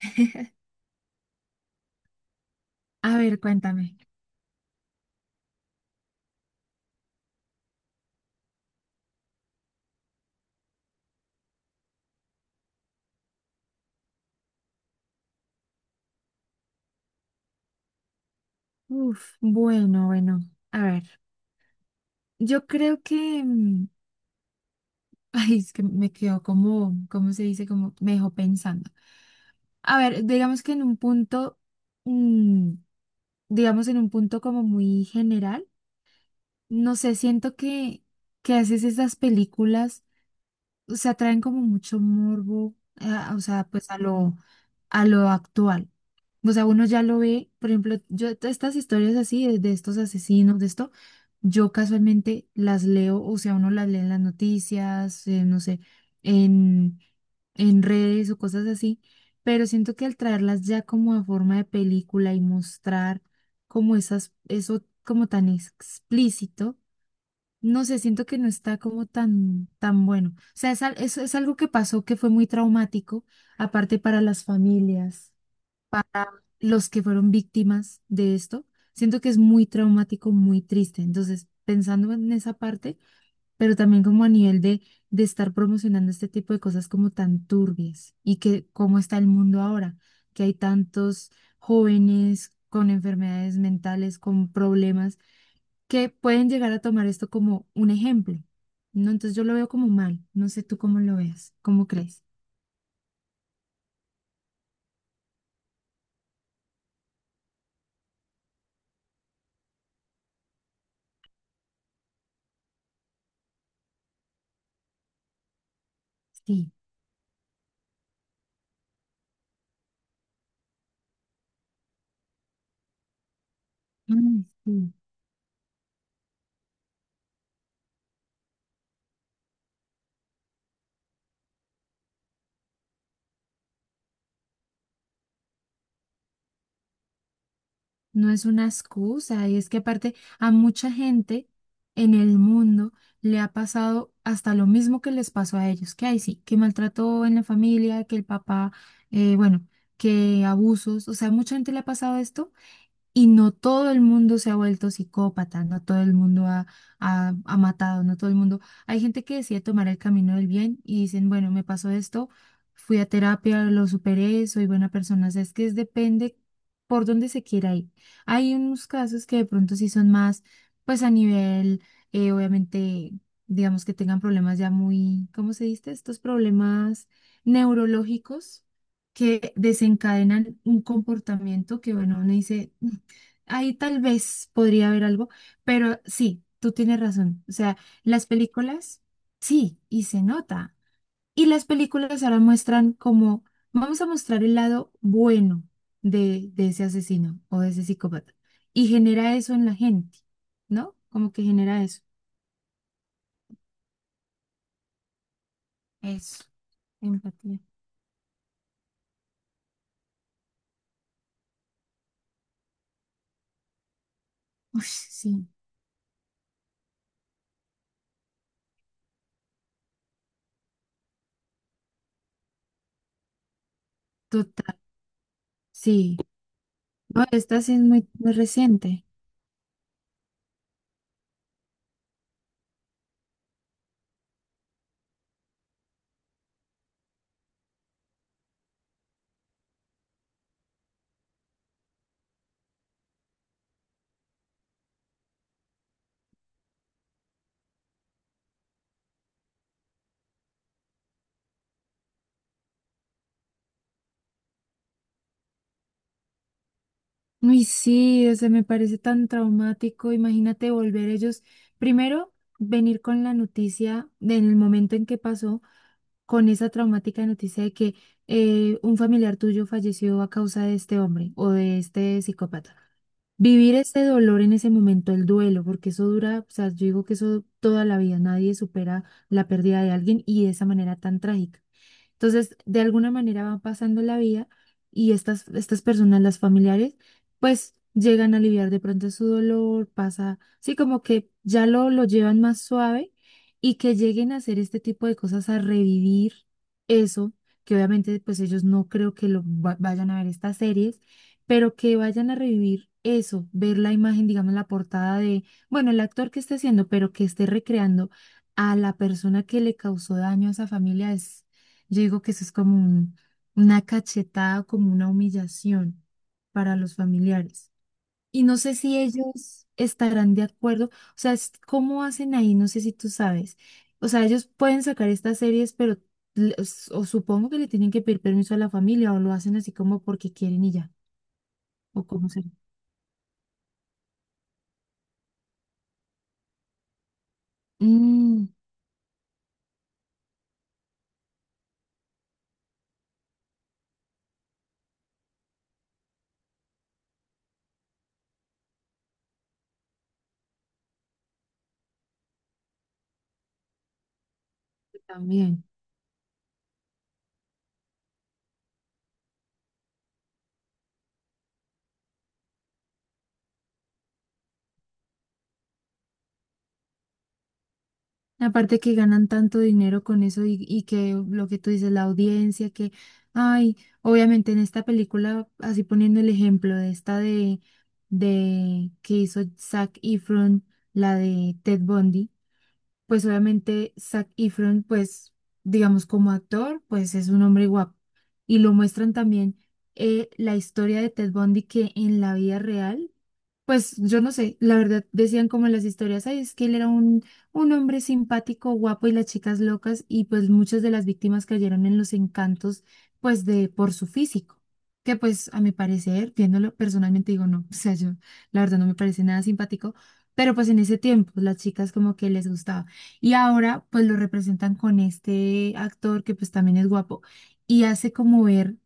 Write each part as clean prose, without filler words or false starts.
A ver, cuéntame. Uf, bueno, bueno. A ver, yo creo que... Ay, es que me quedó como, ¿cómo se dice? Como me dejó pensando. A ver, digamos que en un punto, mm, digamos en un punto como muy general, no sé, siento que a veces esas películas, o sea, traen como mucho morbo, o sea, pues a lo actual. O sea, uno ya lo ve, por ejemplo, yo estas historias así de estos asesinos, de esto. Yo casualmente las leo, o sea, uno las lee en las noticias, no sé, en, en redes o cosas así, pero siento que al traerlas ya como a forma de película y mostrar como esas, eso como tan explícito, no sé, siento que no está como tan bueno. O sea, es algo que pasó que fue muy traumático, aparte para las familias para los que fueron víctimas de esto. Siento que es muy traumático, muy triste. Entonces, pensando en esa parte, pero también como a nivel de estar promocionando este tipo de cosas como tan turbias y que cómo está el mundo ahora, que hay tantos jóvenes con enfermedades mentales, con problemas, que pueden llegar a tomar esto como un ejemplo. No, entonces yo lo veo como mal. No sé tú cómo lo veas, cómo crees. Sí. Mm, sí. No es una excusa, y es que aparte a mucha gente en el mundo le ha pasado hasta lo mismo que les pasó a ellos, que hay sí, que maltrató en la familia, que el papá, bueno, que abusos, o sea, mucha gente le ha pasado esto y no todo el mundo se ha vuelto psicópata, no todo el mundo ha matado, no todo el mundo. Hay gente que decide tomar el camino del bien y dicen, bueno, me pasó esto, fui a terapia, lo superé, soy buena persona. O sea, depende por dónde se quiera ir. Hay unos casos que de pronto sí son más, pues a nivel, obviamente, digamos que tengan problemas ya muy, ¿cómo se dice? Estos problemas neurológicos que desencadenan un comportamiento que, bueno, uno dice... Ahí tal vez podría haber algo, pero sí, tú tienes razón. O sea, las películas, sí, y se nota. Y las películas ahora muestran como, vamos a mostrar el lado bueno de ese asesino o de ese psicópata. Y genera eso en la gente, ¿no? Como que genera eso. Eso, empatía. Uy, sí, total. Sí. No, esta sí es muy, muy reciente. Uy, sí, o sea, me parece tan traumático. Imagínate volver ellos, primero, venir con la noticia de en el momento en que pasó, con esa traumática noticia de que un familiar tuyo falleció a causa de este hombre o de este psicópata. Vivir ese dolor en ese momento, el duelo, porque eso dura, o sea, yo digo que eso toda la vida, nadie supera la pérdida de alguien y de esa manera tan trágica. Entonces, de alguna manera va pasando la vida y estas personas, las familiares, pues llegan a aliviar de pronto su dolor, pasa, sí, como que ya lo llevan más suave y que lleguen a hacer este tipo de cosas, a revivir eso, que obviamente pues ellos no creo que vayan a ver estas series, pero que vayan a revivir eso, ver la imagen, digamos, la portada de, bueno, el actor que esté haciendo, pero que esté recreando a la persona que le causó daño a esa familia yo digo que eso es como una cachetada, como una humillación para los familiares. Y no sé si ellos estarán de acuerdo, o sea, es- ¿cómo hacen ahí? No sé si tú sabes. O sea, ellos pueden sacar estas series, pero o supongo que le tienen que pedir permiso a la familia o lo hacen así como porque quieren y ya, o cómo se... Mm, también. Aparte que ganan tanto dinero con eso y que lo que tú dices, la audiencia, que, ay, obviamente en esta película, así poniendo el ejemplo de esta de que hizo Zac Efron, la de Ted Bundy, pues obviamente Zac Efron, pues digamos como actor, pues es un hombre guapo. Y lo muestran también la historia de Ted Bundy que en la vida real. Pues yo no sé, la verdad decían como en las historias, ay, es que él era un hombre simpático, guapo y las chicas locas y pues muchas de las víctimas cayeron en los encantos pues de por su físico, que pues a mi parecer, viéndolo personalmente digo no, o sea, yo la verdad no me parece nada simpático, pero pues en ese tiempo las chicas como que les gustaba y ahora pues lo representan con este actor que pues también es guapo y hace como ver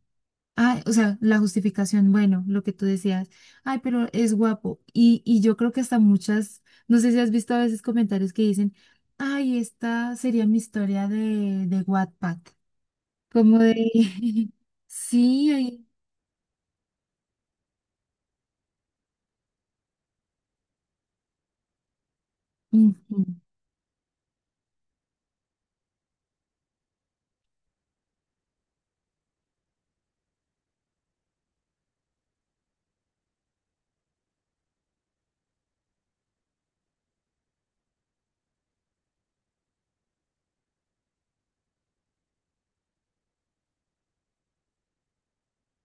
Ah, o sea, la justificación, bueno, lo que tú decías, ay, pero es guapo. Y yo creo que hasta muchas, no sé si has visto a veces comentarios que dicen, ay, esta sería mi historia de Wattpad, como de, sí, hay- ujú,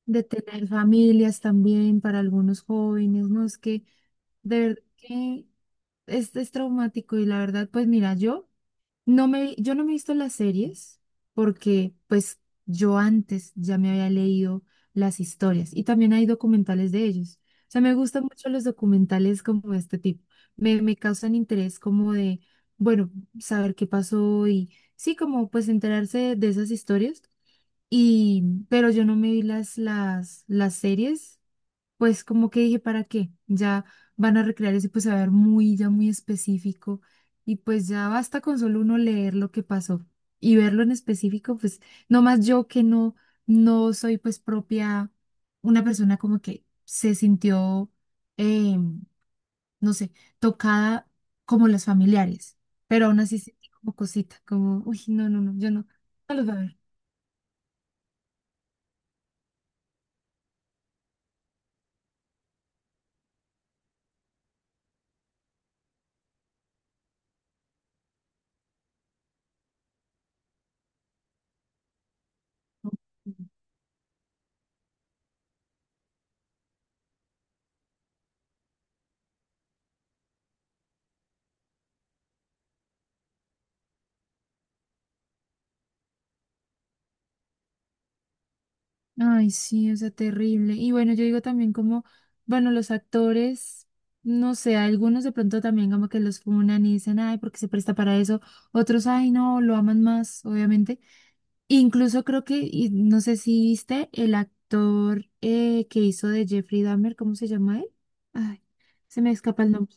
de tener familias también para algunos jóvenes, ¿no? Es que de verdad que es traumático y la verdad, pues mira, yo... yo no me he visto las series porque pues yo antes ya me había leído las historias y también hay documentales de ellos. O sea, me gustan mucho los documentales como este tipo. Me causan interés como de, bueno, saber qué pasó y sí, como pues enterarse de, esas historias. Y, pero yo no me vi las series pues como que dije, ¿para qué? Ya van a recrear eso, y pues se va a ver muy, ya muy específico. Y pues ya basta con solo uno leer lo que pasó y verlo en específico, pues nomás yo que no, no soy pues propia, una persona como que se sintió, eh, no sé, tocada como las familiares, pero aún así sentí como cosita, como, uy, no, no, no, yo no, no los voy a ver. No, no. Ay, sí, o sea, terrible. Y bueno, yo digo también como, bueno, los actores, no sé, algunos de pronto también como que los funan y dicen, ay, porque se presta para eso. Otros, ay, no, lo aman más, obviamente. Incluso creo que, y no sé si viste, el actor que hizo de Jeffrey Dahmer, ¿cómo se llama él? Ay, se me escapa el nombre.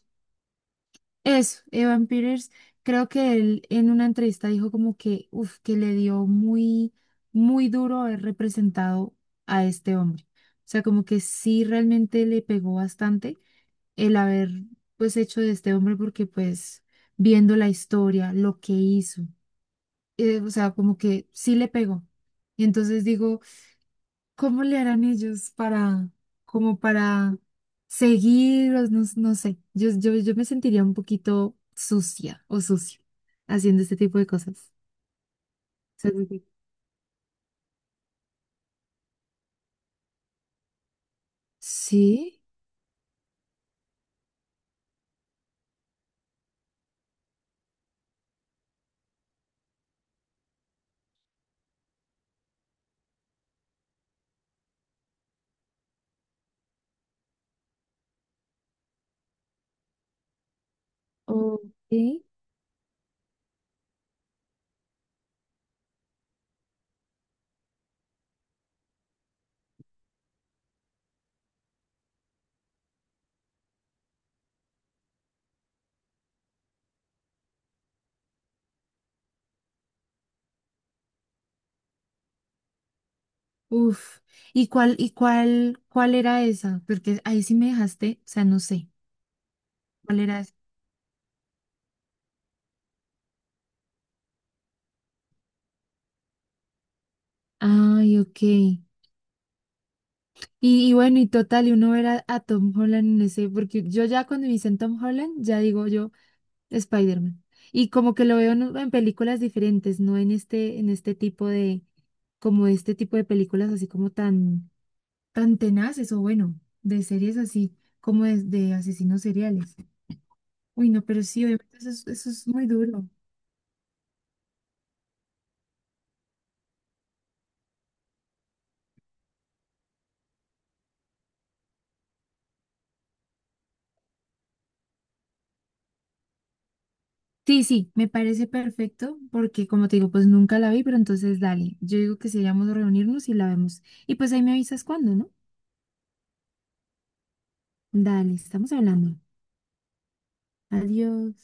Eso, Evan Peters, creo que él en una entrevista dijo como que, uf, que le dio muy, muy duro haber representado a este hombre. O sea, como que sí realmente le pegó bastante el haber, pues, hecho de este hombre porque, pues, viendo la historia, lo que hizo, o sea, como que sí le pegó. Y entonces digo, ¿cómo le harán ellos para, como para seguir, o no, no sé, yo me sentiría un poquito sucia o sucio haciendo este tipo de cosas. O sea, como que, sí, ok, uf. ¿Y cuál era esa? Porque ahí sí me dejaste, o sea, no sé, ¿cuál era esa? Ay, ok. Y bueno, y total, y uno ver a Tom Holland en ese, porque yo ya cuando me dicen Tom Holland, ya digo yo. Spider-Man. Y como que lo veo en películas diferentes, no en este, en este tipo de, como este tipo de películas así como tan, tan tenaces o bueno, de series así como de asesinos seriales. Uy, no, pero sí, obviamente eso es muy duro. Sí, sí, me parece perfecto porque como te digo, pues nunca la vi, pero entonces dale. Yo digo que seríamos reunirnos y la vemos. Y pues ahí me avisas cuándo, ¿no? Dale, estamos hablando. Adiós.